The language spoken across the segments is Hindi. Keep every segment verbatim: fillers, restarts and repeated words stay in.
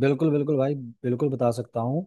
बिल्कुल बिल्कुल भाई, बिल्कुल बता सकता हूँ।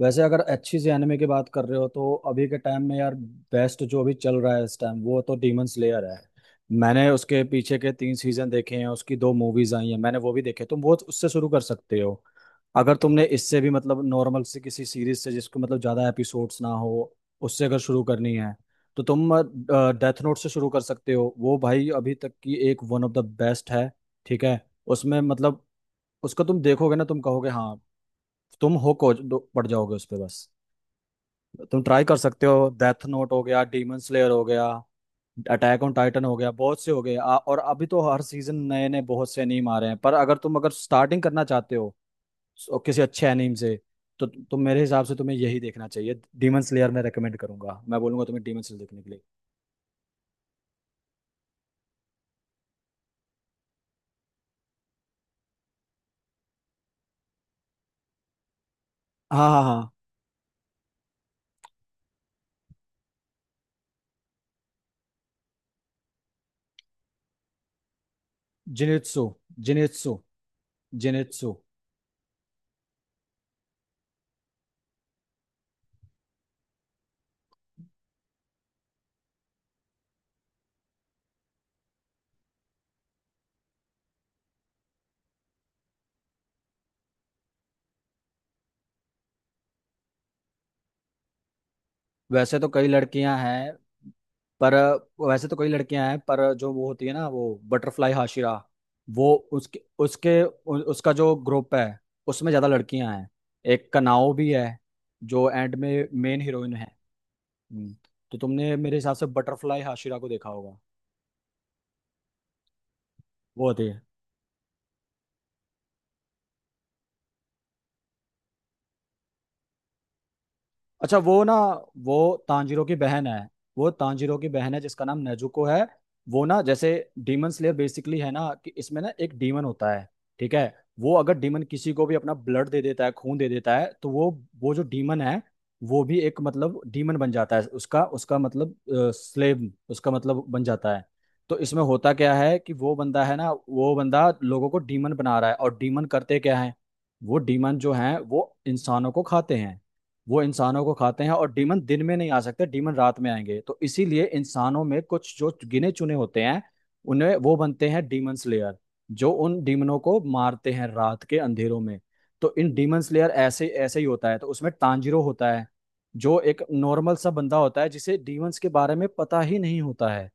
वैसे अगर अच्छी सी एनिमे की बात कर रहे हो तो अभी के टाइम में यार बेस्ट जो अभी चल रहा है इस टाइम वो तो डीमन स्लेयर है। मैंने उसके पीछे के तीन सीजन देखे हैं, उसकी दो मूवीज आई हैं, मैंने वो भी देखे। तुम वो उससे शुरू कर सकते हो। अगर तुमने इससे भी मतलब नॉर्मल से किसी सीरीज से जिसको मतलब ज़्यादा एपिसोड्स ना हो, उससे अगर शुरू करनी है तो तुम डेथ नोट से शुरू कर सकते हो। वो भाई अभी तक की एक वन ऑफ द बेस्ट है। ठीक है। उसमें मतलब उसको तुम देखोगे ना, तुम कहोगे हाँ। तुम हो कोच पड़ जाओगे उस पे बस। तुम ट्राई कर सकते हो, डेथ नोट हो गया, डीमन स्लेयर हो गया, अटैक ऑन टाइटन हो गया, बहुत से हो गए आ- और अभी तो हर सीजन नए नए बहुत से एनीम आ रहे हैं। पर अगर तुम अगर स्टार्टिंग करना चाहते हो सो- किसी अच्छे एनीम से, तो तु- तुम मेरे हिसाब से तुम्हें यही देखना चाहिए। डीमन स्लेयर मैं रेकमेंड करूंगा, मैं बोलूंगा तुम्हें डीमन स्लेयर देखने के लिए। हाँ हाँ हाँ। जिनित्सु। जिनित्सु। जिनित्सु। वैसे तो कई लड़कियां हैं पर वैसे तो कई लड़कियां हैं पर जो वो होती है ना वो बटरफ्लाई हाशिरा। वो उसके उसके उ, उसका जो ग्रुप है उसमें ज्यादा लड़कियां हैं। एक कनाओ भी है जो एंड में मेन हीरोइन है। हम्म, तो तुमने मेरे हिसाब से बटरफ्लाई हाशिरा को देखा होगा। वो होती है। अच्छा, वो ना, वो तांजीरो की बहन है। वो तांजीरो की बहन है जिसका नाम नेजुको है। वो ना, जैसे डीमन स्लेयर बेसिकली है ना कि इसमें ना एक डीमन होता है। ठीक है। वो अगर डीमन किसी को भी अपना ब्लड दे देता है, खून दे देता है, तो वो वो जो डीमन है वो भी एक मतलब डीमन बन जाता है। उसका उसका मतलब स्लेव उसका मतलब बन जाता है। तो इसमें होता क्या है कि वो बंदा है ना, वो बंदा लोगों को डीमन बना रहा है। और डीमन करते क्या है? वो डीमन जो है वो इंसानों को खाते हैं। वो इंसानों को खाते हैं, और डीमन दिन में नहीं आ सकते, डीमन रात में आएंगे। तो इसीलिए इंसानों में कुछ जो गिने चुने होते हैं, उन्हें वो बनते हैं डीमन स्लेयर, जो उन डीमनों को मारते हैं रात के अंधेरों में। तो इन डीमन स्लेयर ऐसे ऐसे ही होता है। तो उसमें टांजिरो होता है जो एक नॉर्मल सा बंदा होता है जिसे डीमंस के बारे में पता ही नहीं होता है।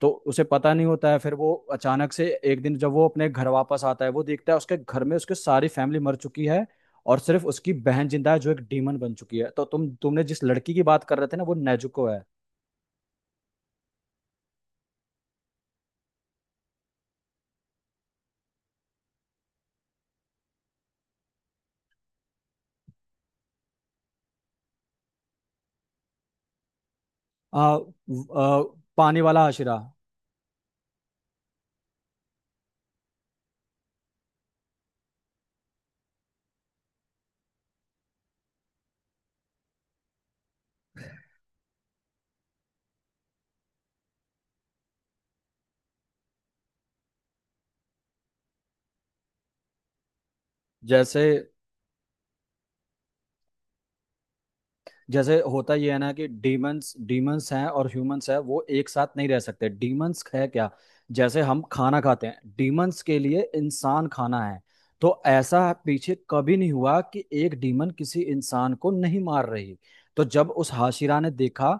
तो उसे पता नहीं होता है, फिर वो अचानक से एक दिन जब वो अपने घर वापस आता है, वो देखता है उसके घर में उसके सारी फैमिली मर चुकी है। और सिर्फ उसकी बहन जिंदा है जो एक डीमन बन चुकी है। तो तुम तुमने जिस लड़की की बात कर रहे थे ना, वो नेजुको है। आ, व- आ, पानी वाला आशिरा। जैसे जैसे होता ये है ना कि डीमंस डीमंस हैं और ह्यूमंस हैं, वो एक साथ नहीं रह सकते। डीमंस है क्या? जैसे हम खाना खाते हैं, डीमंस के लिए इंसान खाना है। तो ऐसा पीछे कभी नहीं हुआ कि एक डीमन किसी इंसान को नहीं मार रही। तो जब उस हाशिरा ने देखा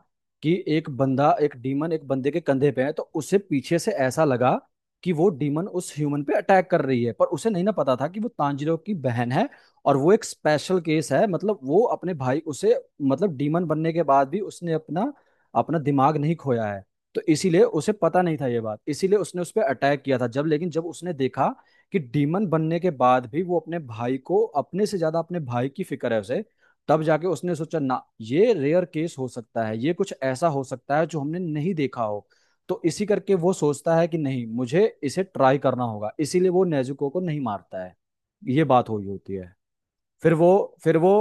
कि एक बंदा, एक डीमन एक बंदे के कंधे पे है, तो उसे पीछे से ऐसा लगा कि वो डीमन उस ह्यूमन पे अटैक कर रही है। पर उसे नहीं ना पता था कि वो तांजिरो की बहन है और वो एक स्पेशल केस है। मतलब वो अपने भाई उसे, मतलब डीमन बनने के बाद भी उसने अपना अपना दिमाग नहीं खोया है। तो इसीलिए उसे पता नहीं था ये बात, इसीलिए उसने उस पर अटैक किया था। जब, लेकिन जब उसने देखा कि डीमन बनने के बाद भी वो अपने भाई को, अपने से ज्यादा अपने भाई की फिक्र है उसे, तब जाके उसने सोचा ना, ये रेयर केस हो सकता है। ये कुछ ऐसा हो सकता है जो हमने नहीं देखा हो। तो इसी करके वो सोचता है कि नहीं, मुझे इसे ट्राई करना होगा, इसीलिए वो नेजुको को नहीं मारता है। ये बात हुई होती है। फिर वो फिर वो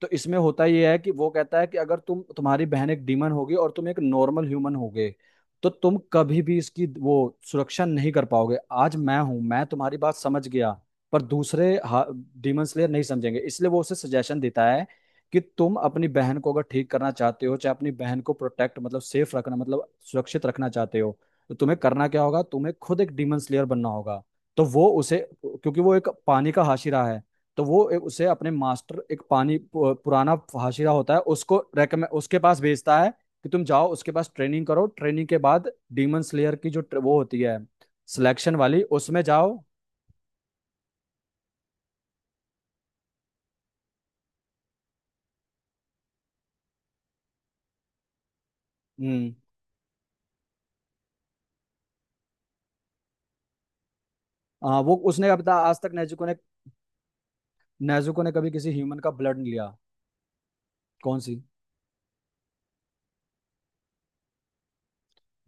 तो इसमें होता ये है कि वो कहता है कि अगर तुम, तुम्हारी बहन एक डीमन होगी और तुम एक नॉर्मल ह्यूमन होगे, तो तुम कभी भी इसकी वो सुरक्षा नहीं कर पाओगे। आज मैं हूं, मैं तुम्हारी बात समझ गया, पर दूसरे डीमन स्लेयर नहीं समझेंगे। इसलिए वो उसे सजेशन देता है कि तुम अपनी बहन को अगर ठीक करना चाहते हो, चाहे अपनी बहन को प्रोटेक्ट मतलब सेफ रखना, मतलब सुरक्षित रखना चाहते हो, तो तुम्हें करना क्या होगा, तुम्हें खुद एक डीमन स्लेयर बनना होगा। तो वो उसे, क्योंकि वो एक पानी का हाशिरा है, तो वो ए- उसे अपने मास्टर, एक पानी पु- पुराना हाशिरा होता है, उसको रेकमेंड उसके पास भेजता है कि तुम जाओ उसके पास ट्रेनिंग करो। ट्रेनिंग के बाद डीमन स्लेयर की जो ट्र- वो होती है सिलेक्शन वाली, उसमें जाओ। हम्म। हाँ, वो उसने अब तक- आज तक नेजुको ने, नेजुको ने कभी किसी ह्यूमन का ब्लड नहीं लिया। कौन सी?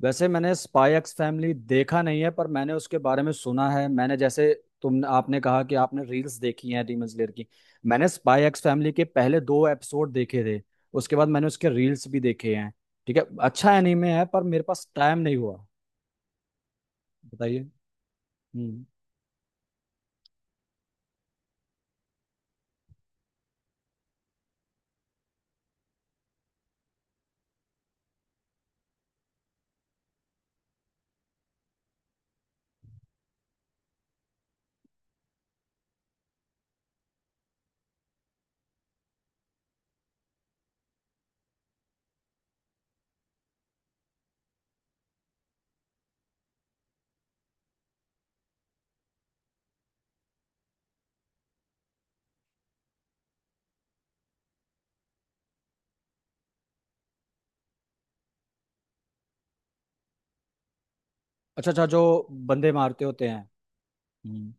वैसे मैंने स्पाई एक्स फैमिली देखा नहीं है, पर मैंने उसके बारे में सुना है। मैंने जैसे तुम, आपने कहा कि आपने रील्स देखी हैं डीमन स्लेयर की, मैंने स्पाई एक्स फैमिली के पहले दो एपिसोड देखे थे। उसके बाद मैंने उसके रील्स भी देखे हैं। ठीक है, अच्छा एनीमे है पर मेरे पास टाइम नहीं हुआ। बताइए। हम्म। अच्छा अच्छा, जो बंदे मारते होते हैं। हम्म।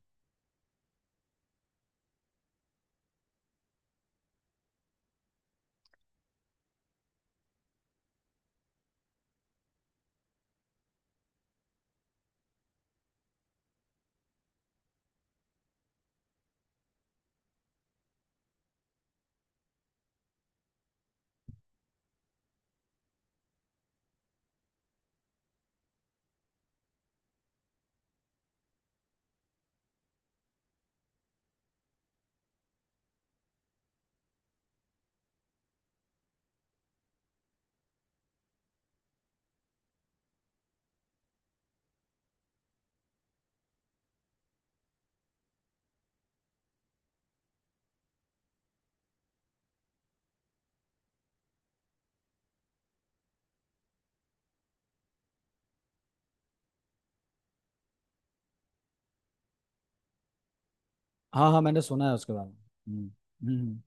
हाँ हाँ, मैंने सुना है उसके बारे में। हम्म। हम्म।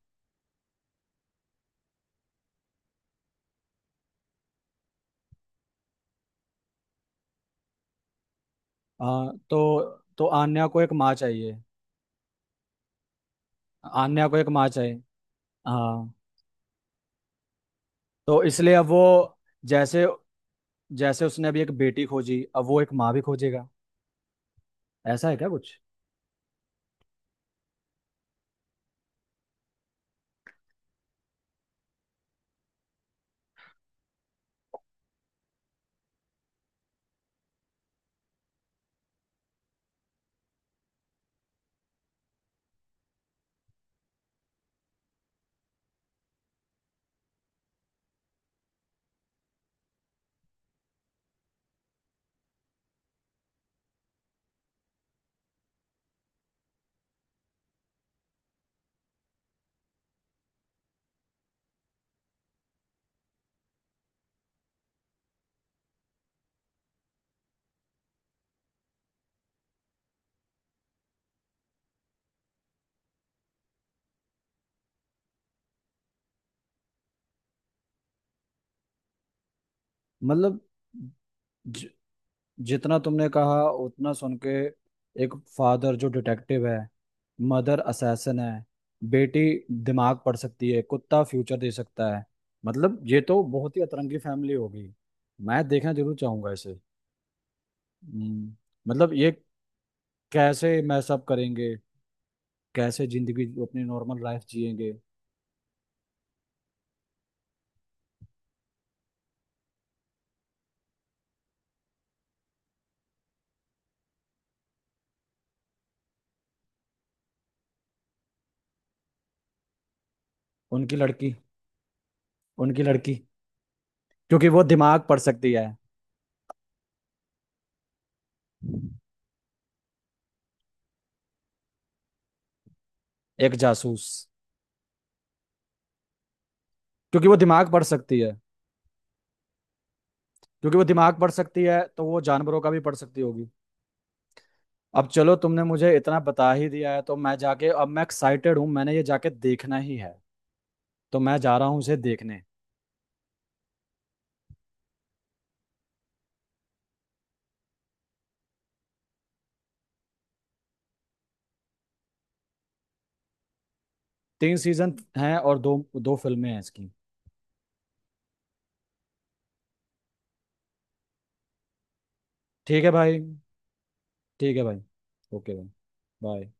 हाँ तो तो आन्या को एक माँ चाहिए। आन्या को एक माँ चाहिए। हाँ, तो इसलिए अब वो, जैसे जैसे उसने अभी एक बेटी खोजी, अब वो एक माँ भी खोजेगा। ऐसा है क्या कुछ? मतलब जि, जितना तुमने कहा उतना सुन के, एक फादर जो डिटेक्टिव है, मदर असैसिन है, बेटी दिमाग पढ़ सकती है, कुत्ता फ्यूचर दे सकता है, मतलब ये तो बहुत ही अतरंगी फैमिली होगी। मैं देखना जरूर चाहूंगा इसे। हम्म, मतलब ये कैसे मैसअप करेंगे? कैसे जिंदगी, अपनी नॉर्मल लाइफ जिएंगे? उनकी लड़की। उनकी लड़की। क्योंकि वो दिमाग पढ़ सकती है। एक जासूस। क्योंकि वो दिमाग पढ़ सकती है। क्योंकि वो दिमाग पढ़ सकती है तो वो जानवरों का भी पढ़ सकती होगी। अब चलो, तुमने मुझे इतना बता ही दिया है तो मैं जाके, अब मैं एक्साइटेड हूँ, मैंने ये जाके देखना ही है। तो मैं जा रहा हूँ इसे देखने। तीन सीजन हैं और दो दो फिल्में हैं इसकी। ठीक है भाई। ठीक है भाई। ओके भाई। बाय।